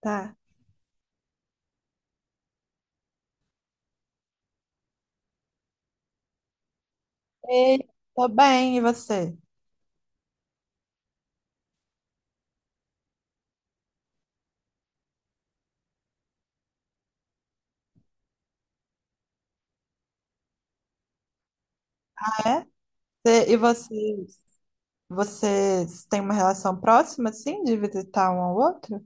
Tá. Ei, tô bem, e você? É? E vocês, têm uma relação próxima, assim, de visitar um ao outro?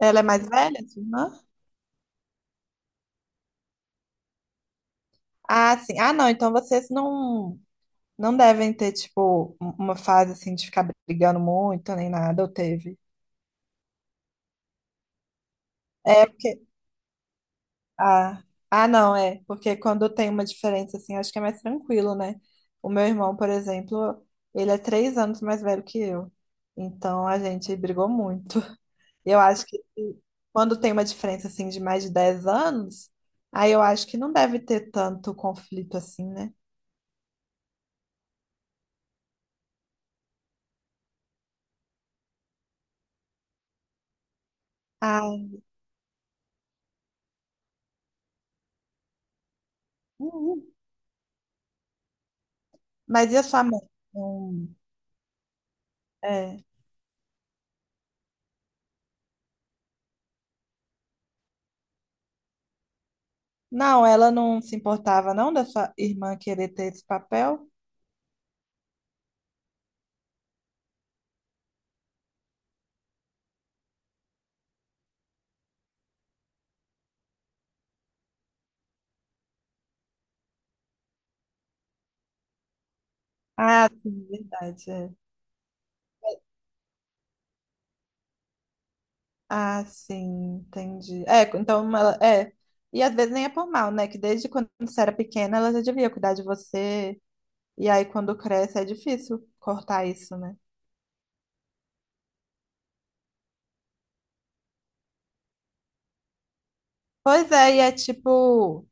Ela é mais velha, sua irmã? Ah, sim. Ah, não, então vocês não devem ter, tipo, uma fase, assim, de ficar brigando muito, nem nada, ou teve? É, porque... Ah, ah, não, é. Porque quando tem uma diferença, assim, acho que é mais tranquilo, né? O meu irmão, por exemplo, ele é três anos mais velho que eu. Então, a gente brigou muito. Eu acho que quando tem uma diferença assim de mais de 10 anos, aí eu acho que não deve ter tanto conflito assim, né? Ah, uhum. Mas e a sua mãe? Não, é. Não, ela não se importava não da sua irmã querer ter esse papel? Ah, sim, verdade. É. Ah, sim, entendi. É, então ela, é. E às vezes nem é por mal, né? Que desde quando você era pequena ela já devia cuidar de você. E aí quando cresce é difícil cortar isso, né? Pois é, e é tipo,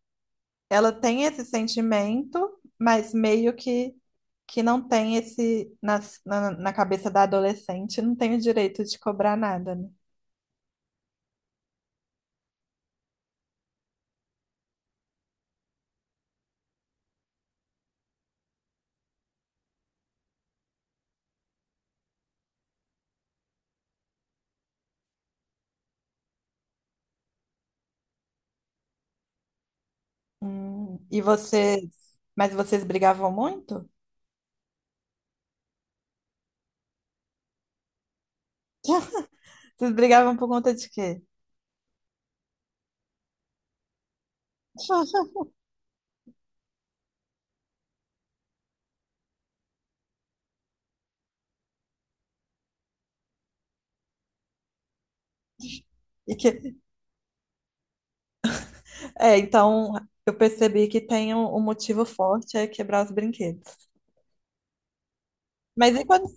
ela tem esse sentimento, mas meio que não tem esse, na cabeça da adolescente, não tem o direito de cobrar nada, né? E vocês, mas vocês brigavam muito? Vocês brigavam por conta de quê? E que, é, então eu percebi que tem um, um motivo forte é quebrar os brinquedos. Mas e quando,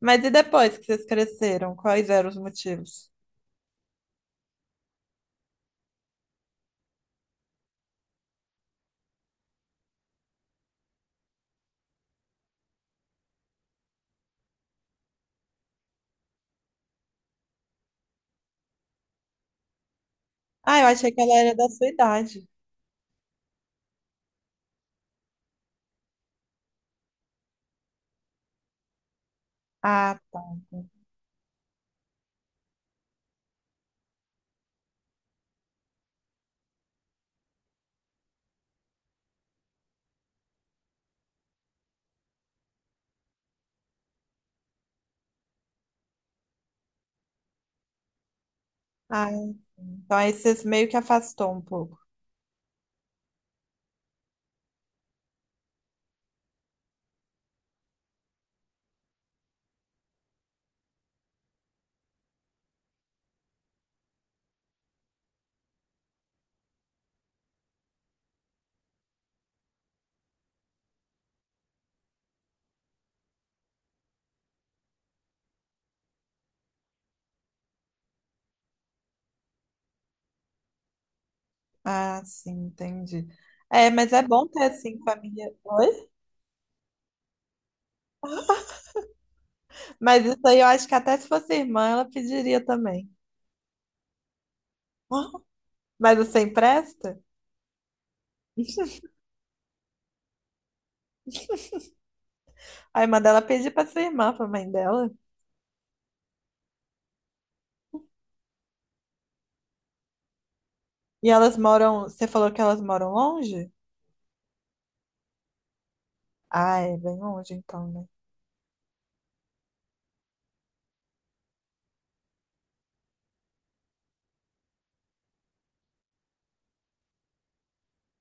mas e depois que vocês cresceram, quais eram os motivos? Ah, eu achei que ela era da sua idade. Ah, ah, sim, então aí você meio que afastou um pouco. Ah, sim, entendi. É, mas é bom ter assim família. Oi? Mas isso aí eu acho que até se fosse irmã, ela pediria também. Mas você empresta? Aí manda ela pedir pra sua irmã, pra mãe dela. E elas moram. Você falou que elas moram longe? Ah, é bem longe então, né?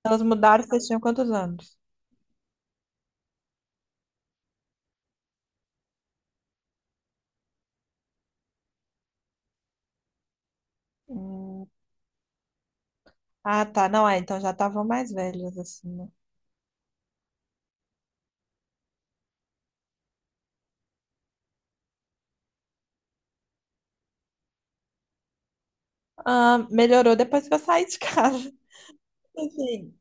Elas mudaram, vocês tinham quantos anos? Hum, Ah, tá. Não, é, então já estavam mais velhas, assim, né? Ah, melhorou depois que eu saí de casa. Assim,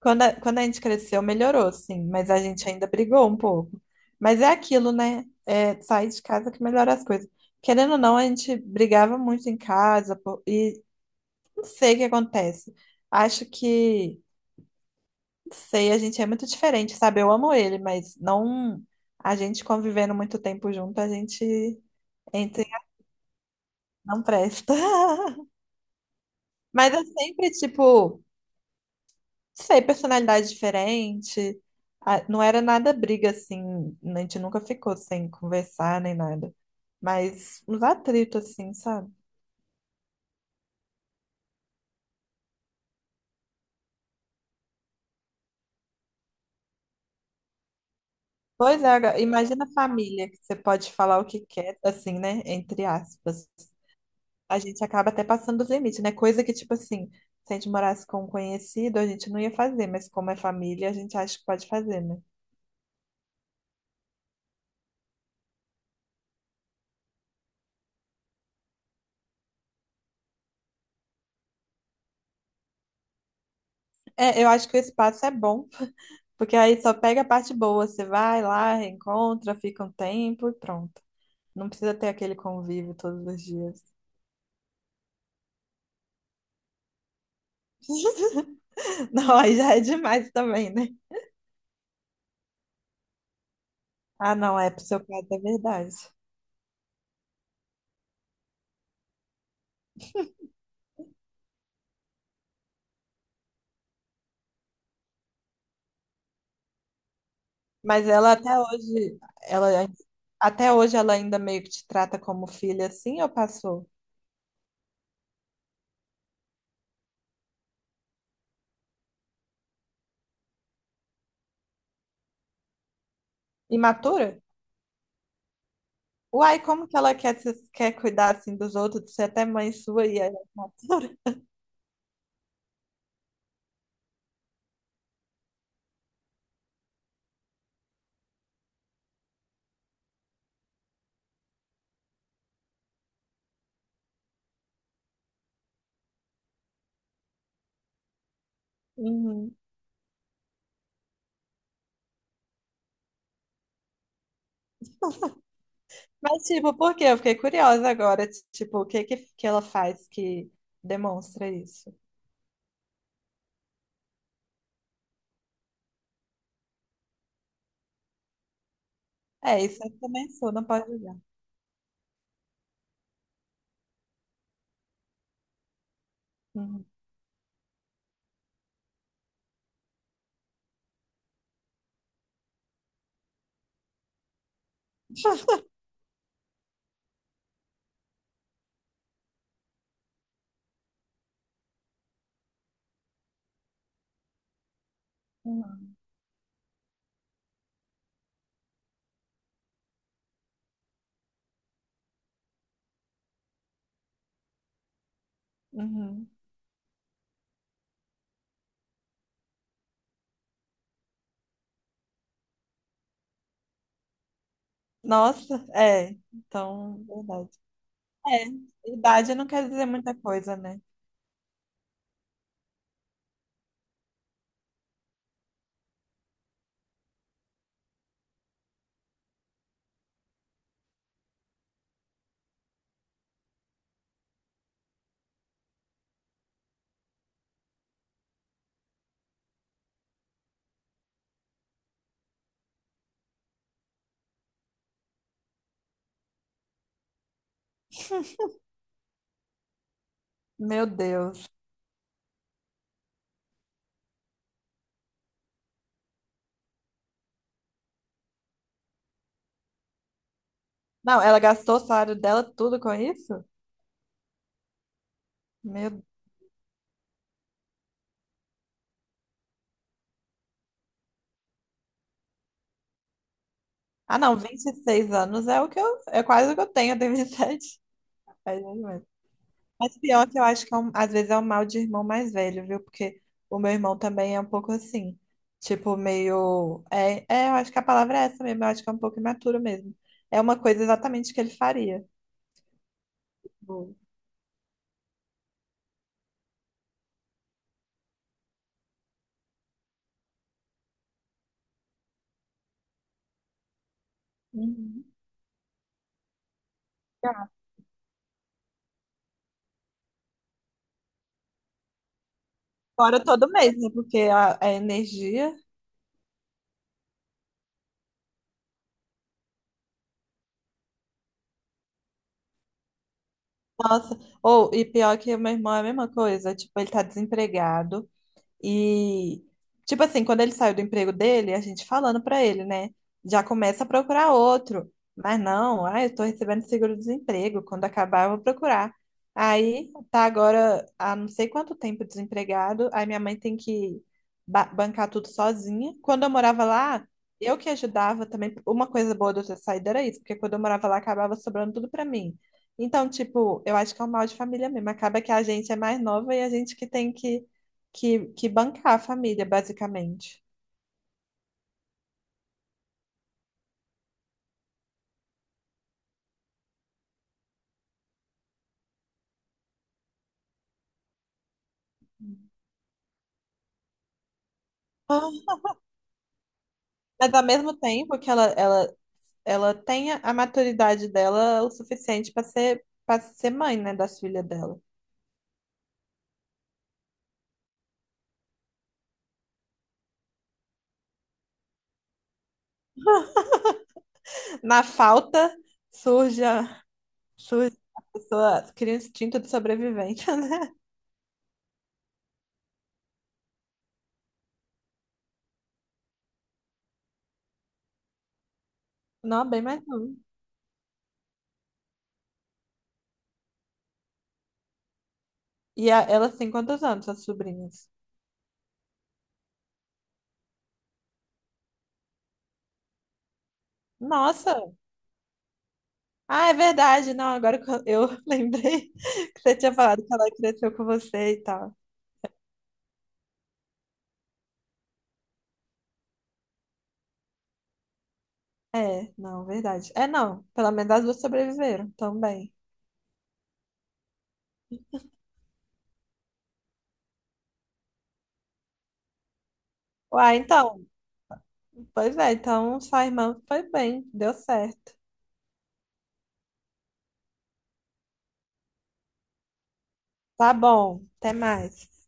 quando quando a gente cresceu, melhorou, sim, mas a gente ainda brigou um pouco. Mas é aquilo, né? É sair de casa que melhora as coisas. Querendo ou não, a gente brigava muito em casa, pô, e não sei o que acontece. Acho que, não sei, a gente é muito diferente, sabe? Eu amo ele, mas não. A gente convivendo muito tempo junto, a gente entra em não presta. Mas eu sempre, tipo, sei, personalidade diferente. Ah, não era nada briga assim, a gente nunca ficou sem conversar nem nada. Mas uns atritos assim, sabe? Pois é, agora, imagina a família, que você pode falar o que quer, assim, né? Entre aspas. A gente acaba até passando dos limites, né? Coisa que, tipo assim, se a gente morasse com um conhecido, a gente não ia fazer, mas como é família, a gente acha que pode fazer, né? É, eu acho que o espaço é bom, porque aí só pega a parte boa, você vai lá, reencontra, fica um tempo e pronto. Não precisa ter aquele convívio todos os dias. Não, aí já é demais também, né? Ah, não, é psicopata, é verdade. Mas ela até hoje, ela até hoje ela ainda meio que te trata como filha assim, ou passou? Imatura? Uai, como que ela quer, quer cuidar assim dos outros, ser até mãe sua e aí... ela mata? Uhum. Mas tipo, por quê? Eu fiquei curiosa agora, tipo, o que que ela faz que demonstra isso? É, isso eu também sou, não pode julgar. Uhum. Uhum. Uhum. Nossa, é. Então, verdade. É, idade não quer dizer muita coisa, né? Meu Deus. Não, ela gastou o salário dela tudo com isso? Meu... Ah, não, vinte e seis anos é o que eu, é quase o que eu tenho 27. É é isso mesmo. Mas pior que eu acho que é às vezes é um mal de irmão mais velho, viu? Porque o meu irmão também é um pouco assim, tipo, meio. É, eu acho que a palavra é essa mesmo, eu acho que é um pouco imaturo mesmo. É uma coisa exatamente que ele faria. Boa. Uhum. Agora todo mês, né? Porque a energia. Nossa. Ou, e pior que o meu irmão é a mesma coisa. Tipo, ele tá desempregado. E, tipo assim, quando ele saiu do emprego dele, a gente falando pra ele, né? Já começa a procurar outro. Mas não, ah, eu tô recebendo seguro-desemprego. Quando acabar, eu vou procurar. Aí tá agora há não sei quanto tempo desempregado. Aí minha mãe tem que bancar tudo sozinha. Quando eu morava lá, eu que ajudava também. Uma coisa boa de eu ter saído era isso, porque quando eu morava lá, acabava sobrando tudo pra mim. Então, tipo, eu acho que é um mal de família mesmo. Acaba que a gente é mais nova e a gente que tem que que bancar a família, basicamente. Ah, mas ao mesmo tempo que ela ela tenha a maturidade dela o suficiente para ser mãe, né, das filhas dela. Na falta, surge a, surge a pessoa, cria um instinto de sobrevivência, né? Não, bem mais não. Elas têm quantos anos, as sobrinhas? Nossa! Ah, é verdade, não, agora que eu lembrei que você tinha falado que ela cresceu com você e tal. É, não, verdade. É, não. Pelo menos as duas sobreviveram também. Uai, então. Pois é, então sua irmã foi bem, deu certo. Tá bom, até mais.